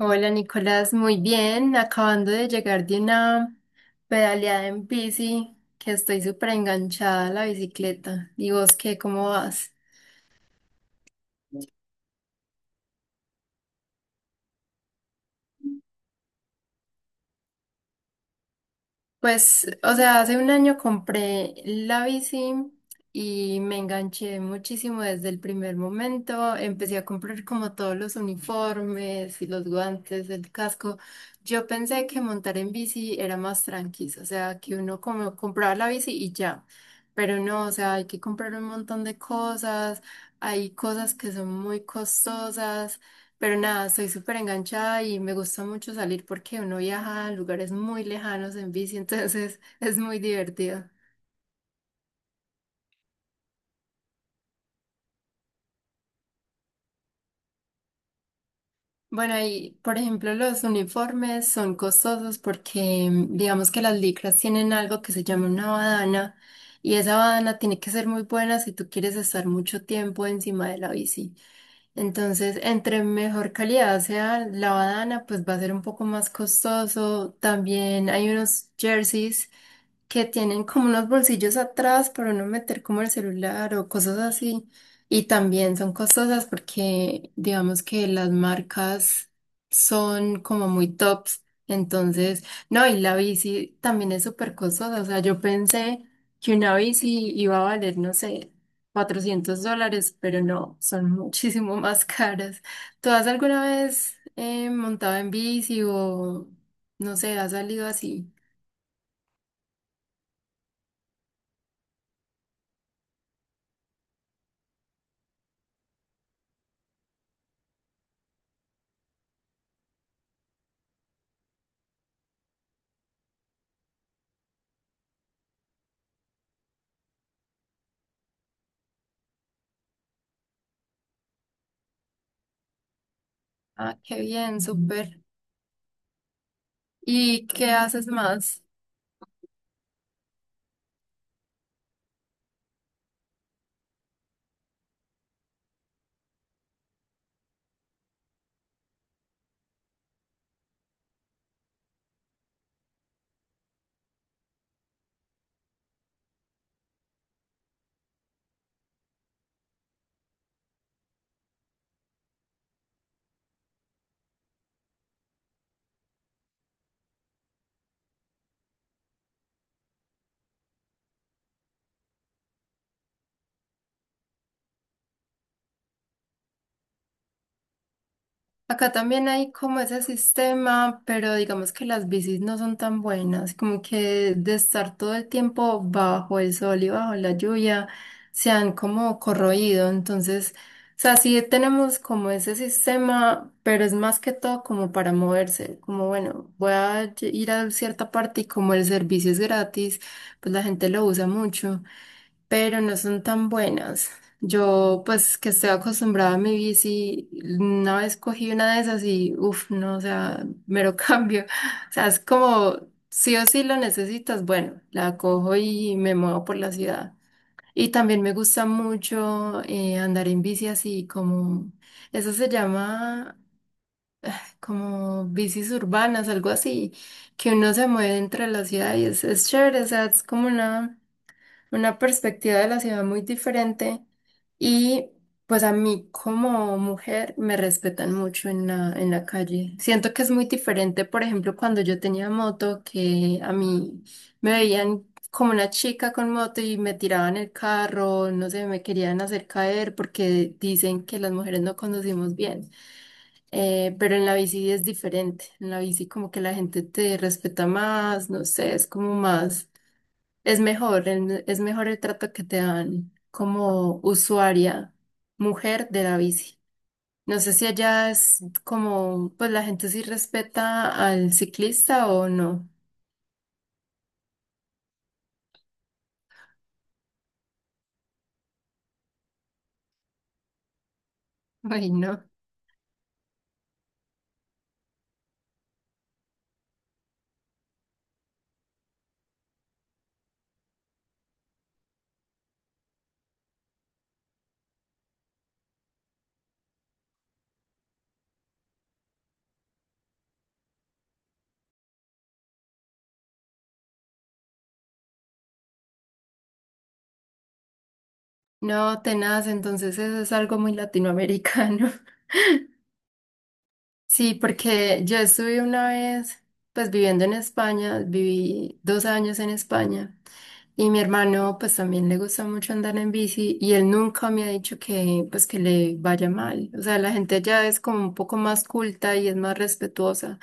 Hola Nicolás, muy bien, acabando de llegar de una pedaleada en bici, que estoy súper enganchada a la bicicleta. ¿Y vos qué, cómo vas? Pues, o sea, hace un año compré la bici y me enganché muchísimo desde el primer momento. Empecé a comprar como todos los uniformes y los guantes, el casco. Yo pensé que montar en bici era más tranquilo, o sea, que uno como compraba la bici y ya. Pero no, o sea, hay que comprar un montón de cosas. Hay cosas que son muy costosas. Pero nada, soy súper enganchada y me gusta mucho salir porque uno viaja a lugares muy lejanos en bici, entonces es muy divertido. Bueno, y por ejemplo, los uniformes son costosos porque digamos que las licras tienen algo que se llama una badana y esa badana tiene que ser muy buena si tú quieres estar mucho tiempo encima de la bici. Entonces, entre mejor calidad sea la badana, pues va a ser un poco más costoso. También hay unos jerseys que tienen como unos bolsillos atrás para no meter como el celular o cosas así. Y también son costosas porque digamos que las marcas son como muy tops. Entonces, no, y la bici también es súper costosa. O sea, yo pensé que una bici iba a valer, no sé, 400 dólares, pero no, son muchísimo más caras. ¿Tú has alguna vez montado en bici o, no sé, has salido así? Ah, qué bien, súper. ¿Y qué haces más? Acá también hay como ese sistema, pero digamos que las bicis no son tan buenas, como que de estar todo el tiempo bajo el sol y bajo la lluvia, se han como corroído. Entonces, o sea, sí tenemos como ese sistema, pero es más que todo como para moverse, como bueno, ir a cierta parte y como el servicio es gratis, pues la gente lo usa mucho. Pero no son tan buenas. Yo, pues, que estoy acostumbrada a mi bici, una vez cogí una de esas y, uff, no, o sea, mero cambio. O sea, es como, sí o sí lo necesitas, bueno, la cojo y me muevo por la ciudad. Y también me gusta mucho andar en bici así, como, eso se llama como bicis urbanas, algo así, que uno se mueve entre la ciudad y es chévere, o sea, es como una perspectiva de la ciudad muy diferente y pues a mí como mujer me respetan mucho en la calle. Siento que es muy diferente, por ejemplo, cuando yo tenía moto, que a mí me veían como una chica con moto y me tiraban el carro, no sé, me querían hacer caer porque dicen que las mujeres no conducimos bien. Pero en la bici es diferente. En la bici como que la gente te respeta más, no sé, es como más. Es mejor, es mejor el trato que te dan como usuaria, mujer de la bici. No sé si allá es como, pues la gente sí respeta al ciclista o no. Ay, no. No, tenaz, entonces eso es algo muy latinoamericano. Sí, porque yo estuve una vez, pues viviendo en España, viví 2 años en España y mi hermano pues también le gusta mucho andar en bici y él nunca me ha dicho que pues que le vaya mal. O sea, la gente ya es como un poco más culta y es más respetuosa.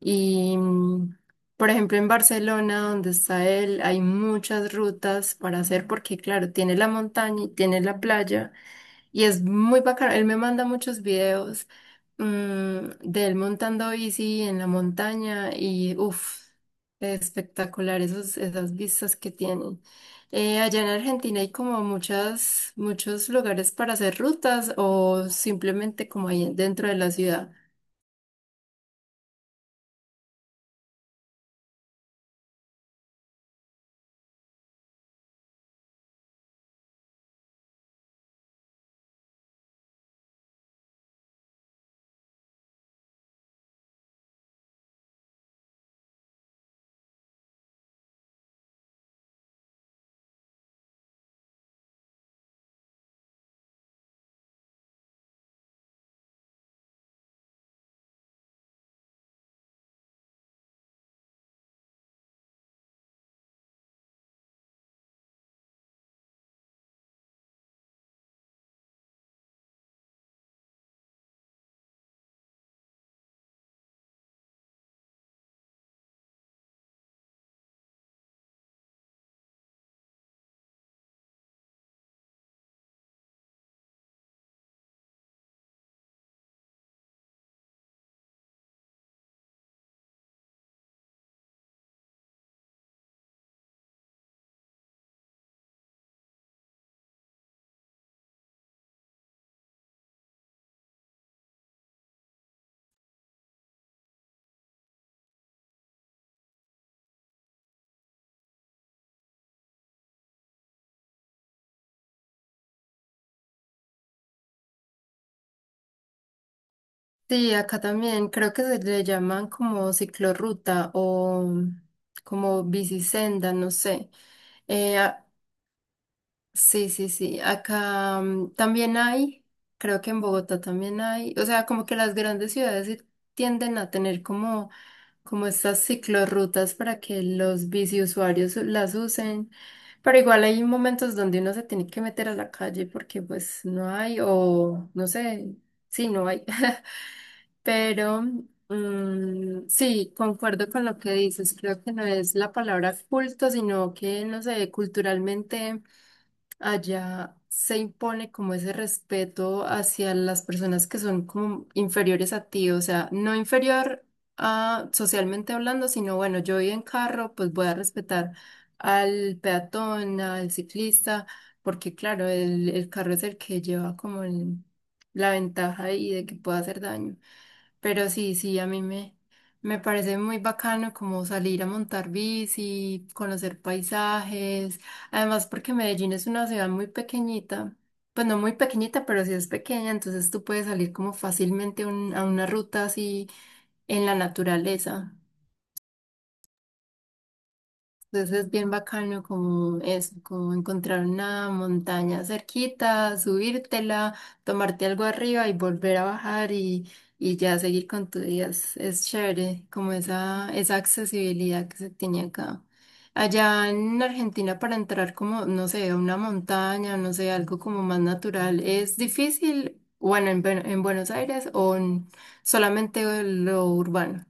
Y por ejemplo en Barcelona, donde está él, hay muchas rutas para hacer porque claro, tiene la montaña y tiene la playa. Y es muy bacano. Él me manda muchos videos, mm, de él montando bici en la montaña y uff, espectacular esos, esas vistas que tienen. Allá en Argentina hay como muchas, muchos lugares para hacer rutas o simplemente como ahí dentro de la ciudad. Sí, acá también creo que se le llaman como ciclorruta o como bicisenda, no sé. Eh, a- Sí, sí, sí. Acá también hay, creo que en Bogotá también hay, o sea, como que las grandes ciudades sí tienden a tener como, como estas ciclorrutas para que los biciusuarios las usen, pero igual hay momentos donde uno se tiene que meter a la calle porque pues no hay, o no sé, sí, no hay. Pero sí, concuerdo con lo que dices. Creo que no es la palabra culto, sino que, no sé, culturalmente allá se impone como ese respeto hacia las personas que son como inferiores a ti, o sea, no inferior a socialmente hablando, sino bueno, yo voy en carro, pues voy a respetar al peatón, al ciclista, porque claro, el carro es el que lleva como la ventaja ahí de que pueda hacer daño. Pero sí, sí, me parece muy bacano como salir a montar bici, conocer paisajes. Además, porque Medellín es una ciudad muy pequeñita. Pues no muy pequeñita, pero sí es pequeña, entonces tú puedes salir como fácilmente a una ruta así en la naturaleza. Entonces es bien bacano como eso, como encontrar una montaña cerquita, subírtela, tomarte algo arriba y volver a bajar y ya seguir con tu día. Es chévere, como esa accesibilidad que se tiene acá. Allá en Argentina para entrar como, no sé, a una montaña, no sé, algo como más natural, ¿es difícil? Bueno, en, en Buenos Aires o en solamente lo urbano.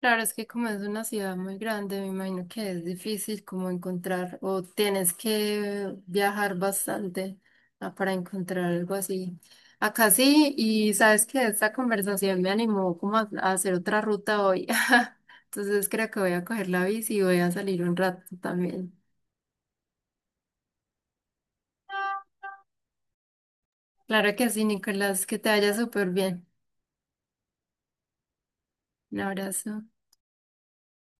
Claro, es que como es una ciudad muy grande, me imagino que es difícil como encontrar o tienes que viajar bastante para encontrar algo así. Acá sí, y sabes que esta conversación me animó como a hacer otra ruta hoy. Entonces creo que voy a coger la bici y voy a salir un rato también. Claro que sí, Nicolás, que te vaya súper bien. Un abrazo.